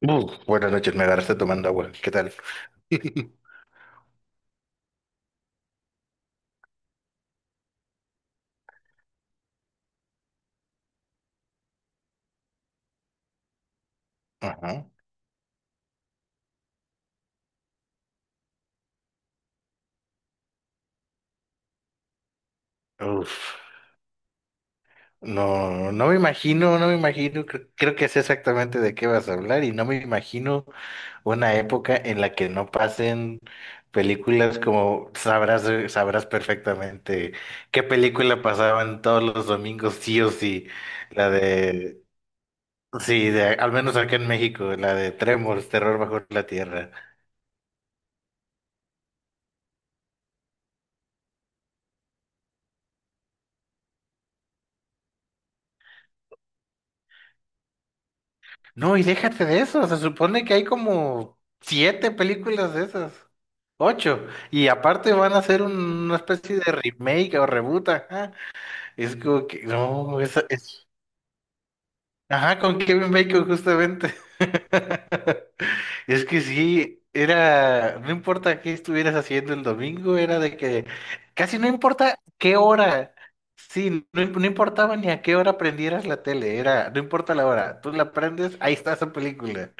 Buf, buenas noches, me agarraste tomando agua. ¿Qué tal? Ajá. Uf. No, no me imagino, no me imagino. Creo que sé exactamente de qué vas a hablar y no me imagino una época en la que no pasen películas como sabrás, sabrás perfectamente qué película pasaban todos los domingos, sí o sí. La de, sí, de, al menos acá en México, la de Tremors, Terror bajo la Tierra. No, y déjate de eso, se supone que hay como siete películas de esas, ocho, y aparte van a hacer una especie de remake o reboot, ajá, es como que, no, esa es, ajá, con Kevin Bacon justamente. Es que sí, era, no importa qué estuvieras haciendo el domingo, era de que casi no importa qué hora, sí, no, no importaba ni a qué hora prendieras la tele, era, no importa la hora, tú la prendes, ahí está esa película.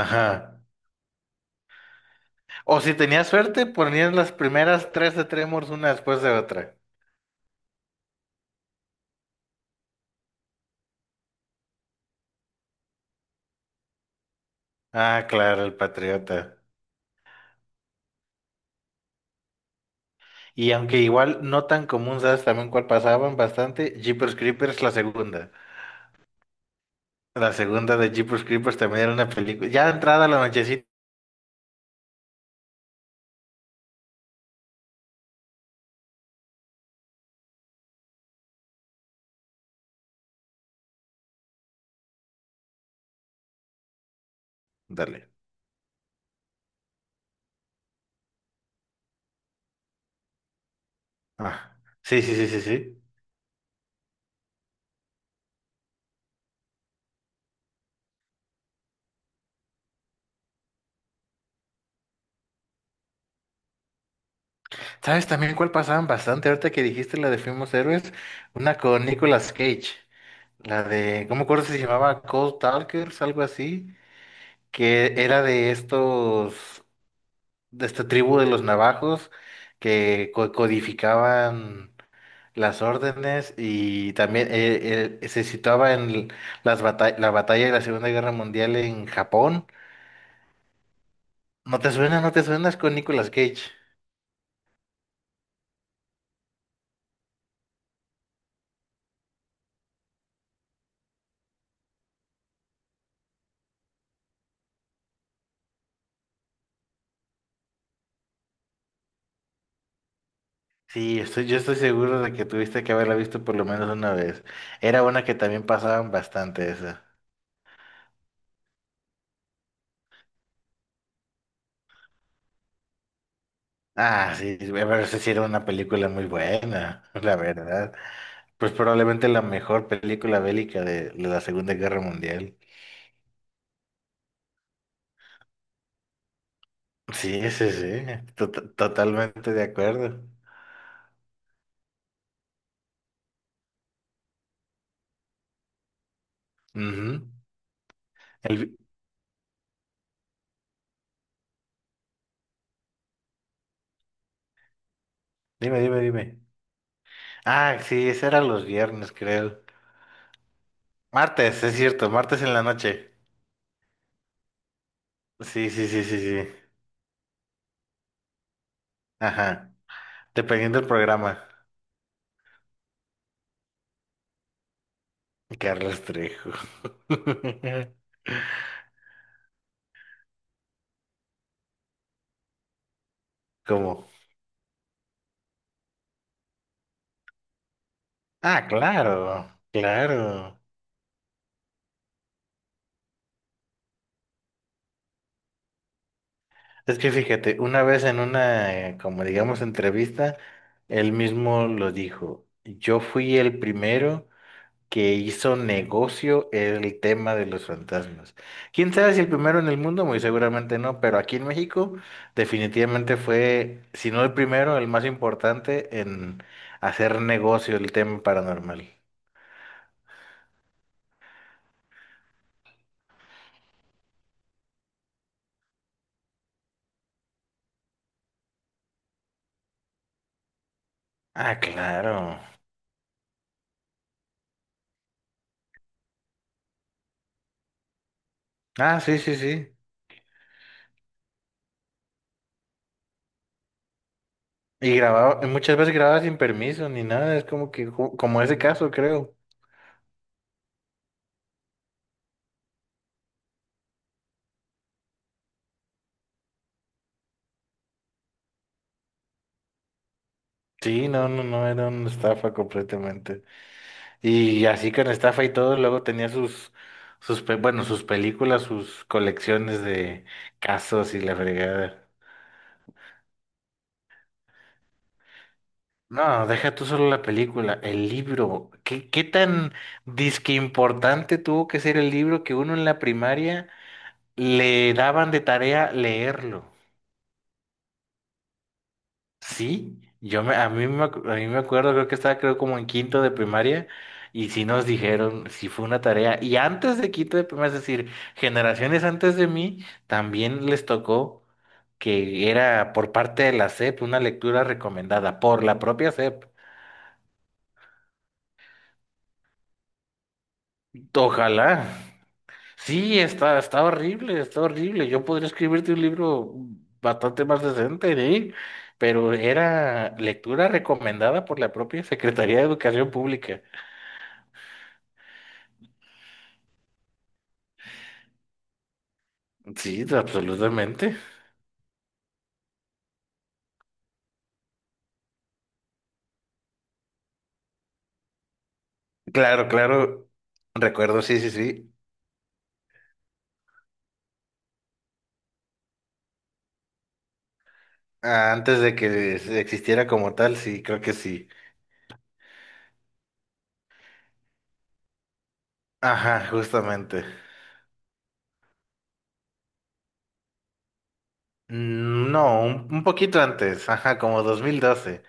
Ajá. O si tenías suerte, ponías las primeras tres de Tremors una después de otra. Ah, claro, el Patriota. Y aunque igual no tan común, ¿sabes también cuál pasaban bastante? Jeepers Creepers, la segunda. La segunda de Jeepers Creepers también era una película. Ya entrada la nochecita. Dale. Ah. Sí, sí, sí, sí, sí. ¿Sabes también cuál pasaban bastante? Ahorita que dijiste la de Fuimos Héroes, una con Nicolas Cage. La de, ¿cómo me acuerdo si se llamaba? Cold Talkers, algo así. Que era de estos, de esta tribu de los navajos que codificaban las órdenes y también se situaba en l- las bata- la batalla de la Segunda Guerra Mundial en Japón. ¿No te suena? ¿No te suenas con Nicolas Cage? Sí, yo estoy seguro de que tuviste que haberla visto por lo menos una vez. Era una que también pasaban bastante esa. Ah, sí, pero esa sí era una película muy buena, la verdad. Pues probablemente la mejor película bélica de la Segunda Guerra Mundial. Sí, sí, sí, totalmente de acuerdo. Ujú. El vi- Dime, dime, dime. Ah, sí, ese era los viernes, creo. Martes, es cierto, martes en la noche. Sí, sí, sí, sí, sí. Ajá. Dependiendo del programa. Carlos Trejo. ¿Cómo? Ah, claro, claro. Es que fíjate, una vez en una, como digamos, entrevista, él mismo lo dijo. Yo fui el primero que hizo negocio el tema de los fantasmas. ¿Quién sabe si el primero en el mundo? Muy seguramente no, pero aquí en México definitivamente fue, si no el primero, el más importante en hacer negocio el tema paranormal. Ah, claro. Ah, sí, sí, sí. Y grababa, muchas veces grababa sin permiso ni nada, es como que, como ese caso, creo. Sí, no, no, no, era una estafa completamente. Y así con estafa y todo, luego tenía sus, bueno, sus películas, sus colecciones de casos y la fregada. No, deja tú solo la película, el libro. ¿Qué tan disque importante tuvo que ser el libro que uno en la primaria le daban de tarea leerlo? Sí, yo me, a mí me, ac- a mí me acuerdo, creo que estaba creo como en quinto de primaria y sí nos dijeron, sí fue una tarea. Y antes de quinto de primaria, es decir, generaciones antes de mí, también les tocó que era por parte de la SEP una lectura recomendada por la propia SEP. Ojalá. Sí, está horrible, está horrible. Yo podría escribirte un libro bastante más decente, ¿eh? Pero era lectura recomendada por la propia Secretaría de Educación Pública. Sí, absolutamente. Claro, claro. Recuerdo, sí, sí, sí. Ah, antes de que existiera como tal, sí, creo que sí. Ajá, justamente. Mm, no, un poquito antes, ajá, como 2012.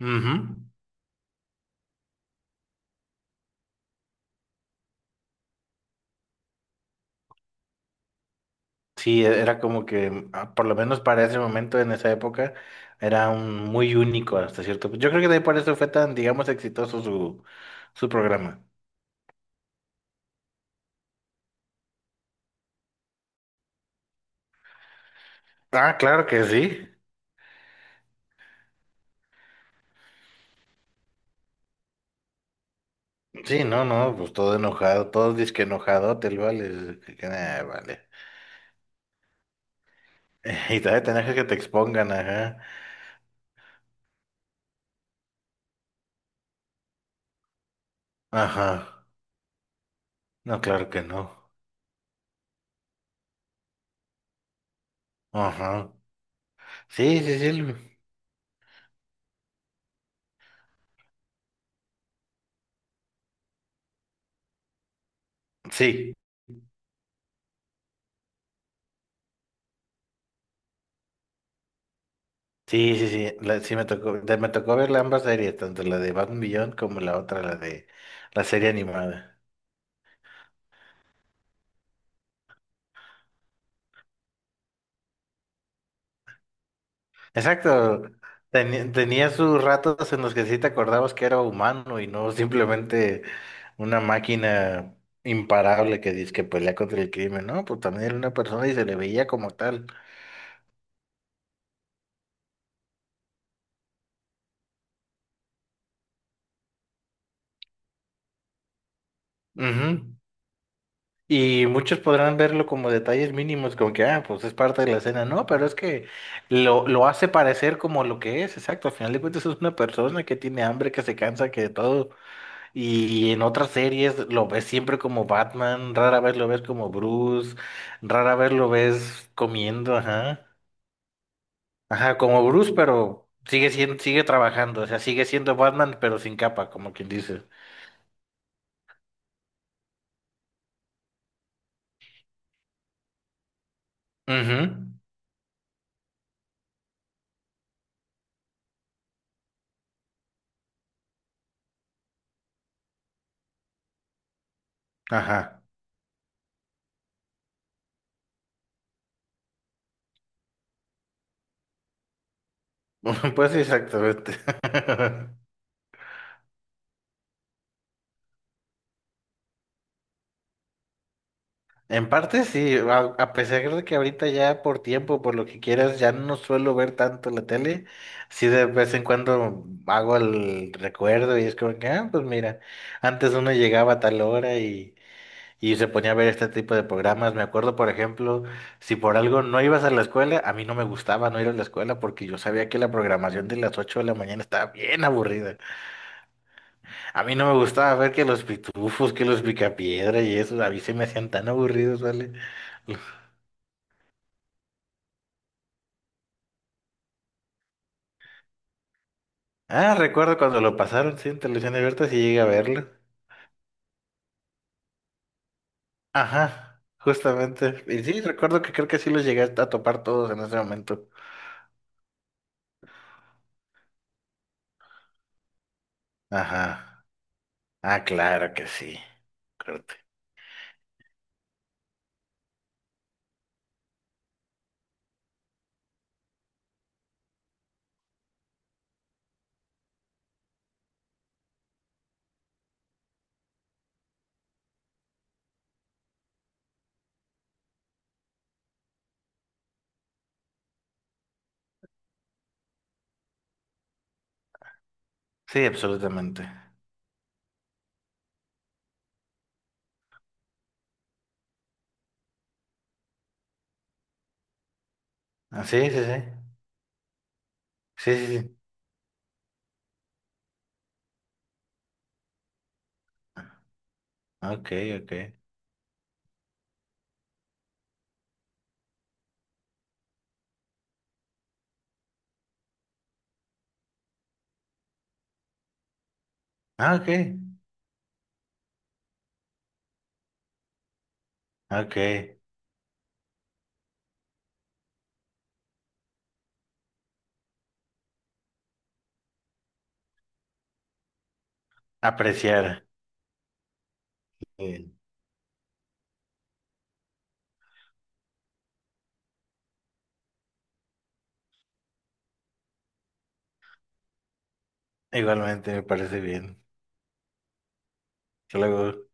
Ujú. Sí, era como que, ah, por lo menos para ese momento, en esa época, era muy único hasta cierto punto. Yo creo que de ahí por eso fue tan, digamos, exitoso su programa. Ah, claro que sí. Sí, no, no, pues todo enojado, todo disque enojado, te lo vale, nah, vale. Y todavía tenés que te expongan, ajá. Ajá. No, claro que no. Ajá. Sí, sí, sí. Sí, sí, sí, sí. Sí me tocó, me tocó ver ambas series, tanto la de Batman Beyond como la otra, la de la serie animada. Exacto. Tenía sus ratos en los que sí te acordabas que era humano y no simplemente una máquina imparable que dice que pelea contra el crimen, ¿no? Pues también era una persona y se le veía como tal. Ujú. Y muchos podrán verlo como detalles mínimos, como que, ah, pues es parte de la escena. No, pero es que lo hace parecer como lo que es, exacto. Al final de cuentas es una persona que tiene hambre, que se cansa, que de todo. Y en otras series lo ves siempre como Batman, rara vez lo ves como Bruce, rara vez lo ves comiendo, ajá. Ajá, como Bruce, pero sigue siendo, sigue trabajando, o sea, sigue siendo Batman, pero sin capa, como quien dice. Ujú. Ajá. Pues exactamente. En parte sí, a pesar de que ahorita ya por tiempo, por lo que quieras, ya no suelo ver tanto la tele, sí de vez en cuando hago el recuerdo y es como que, ah, pues mira, antes uno llegaba a tal hora y se ponía a ver este tipo de programas. Me acuerdo, por ejemplo, si por algo no ibas a la escuela, a mí no me gustaba no ir a la escuela porque yo sabía que la programación de las 8 de la mañana estaba bien aburrida. A mí no me gustaba ver que los pitufos, que los picapiedra y eso, a mí se me hacían tan aburridos, ¿vale? Ah, recuerdo cuando lo pasaron, sí, en televisión abierta, sí llegué a verlo. Ajá, justamente. Y sí, recuerdo que creo que sí los llegué a topar todos en ese momento. Ajá. Ah, claro que sí. Corte. Sí, absolutamente. Ah, sí, sí, sí. Sí, sí, sí. Ok, ok. Ah, ok. Ok. Apreciar. Sí. Igualmente me parece bien. Hasta luego.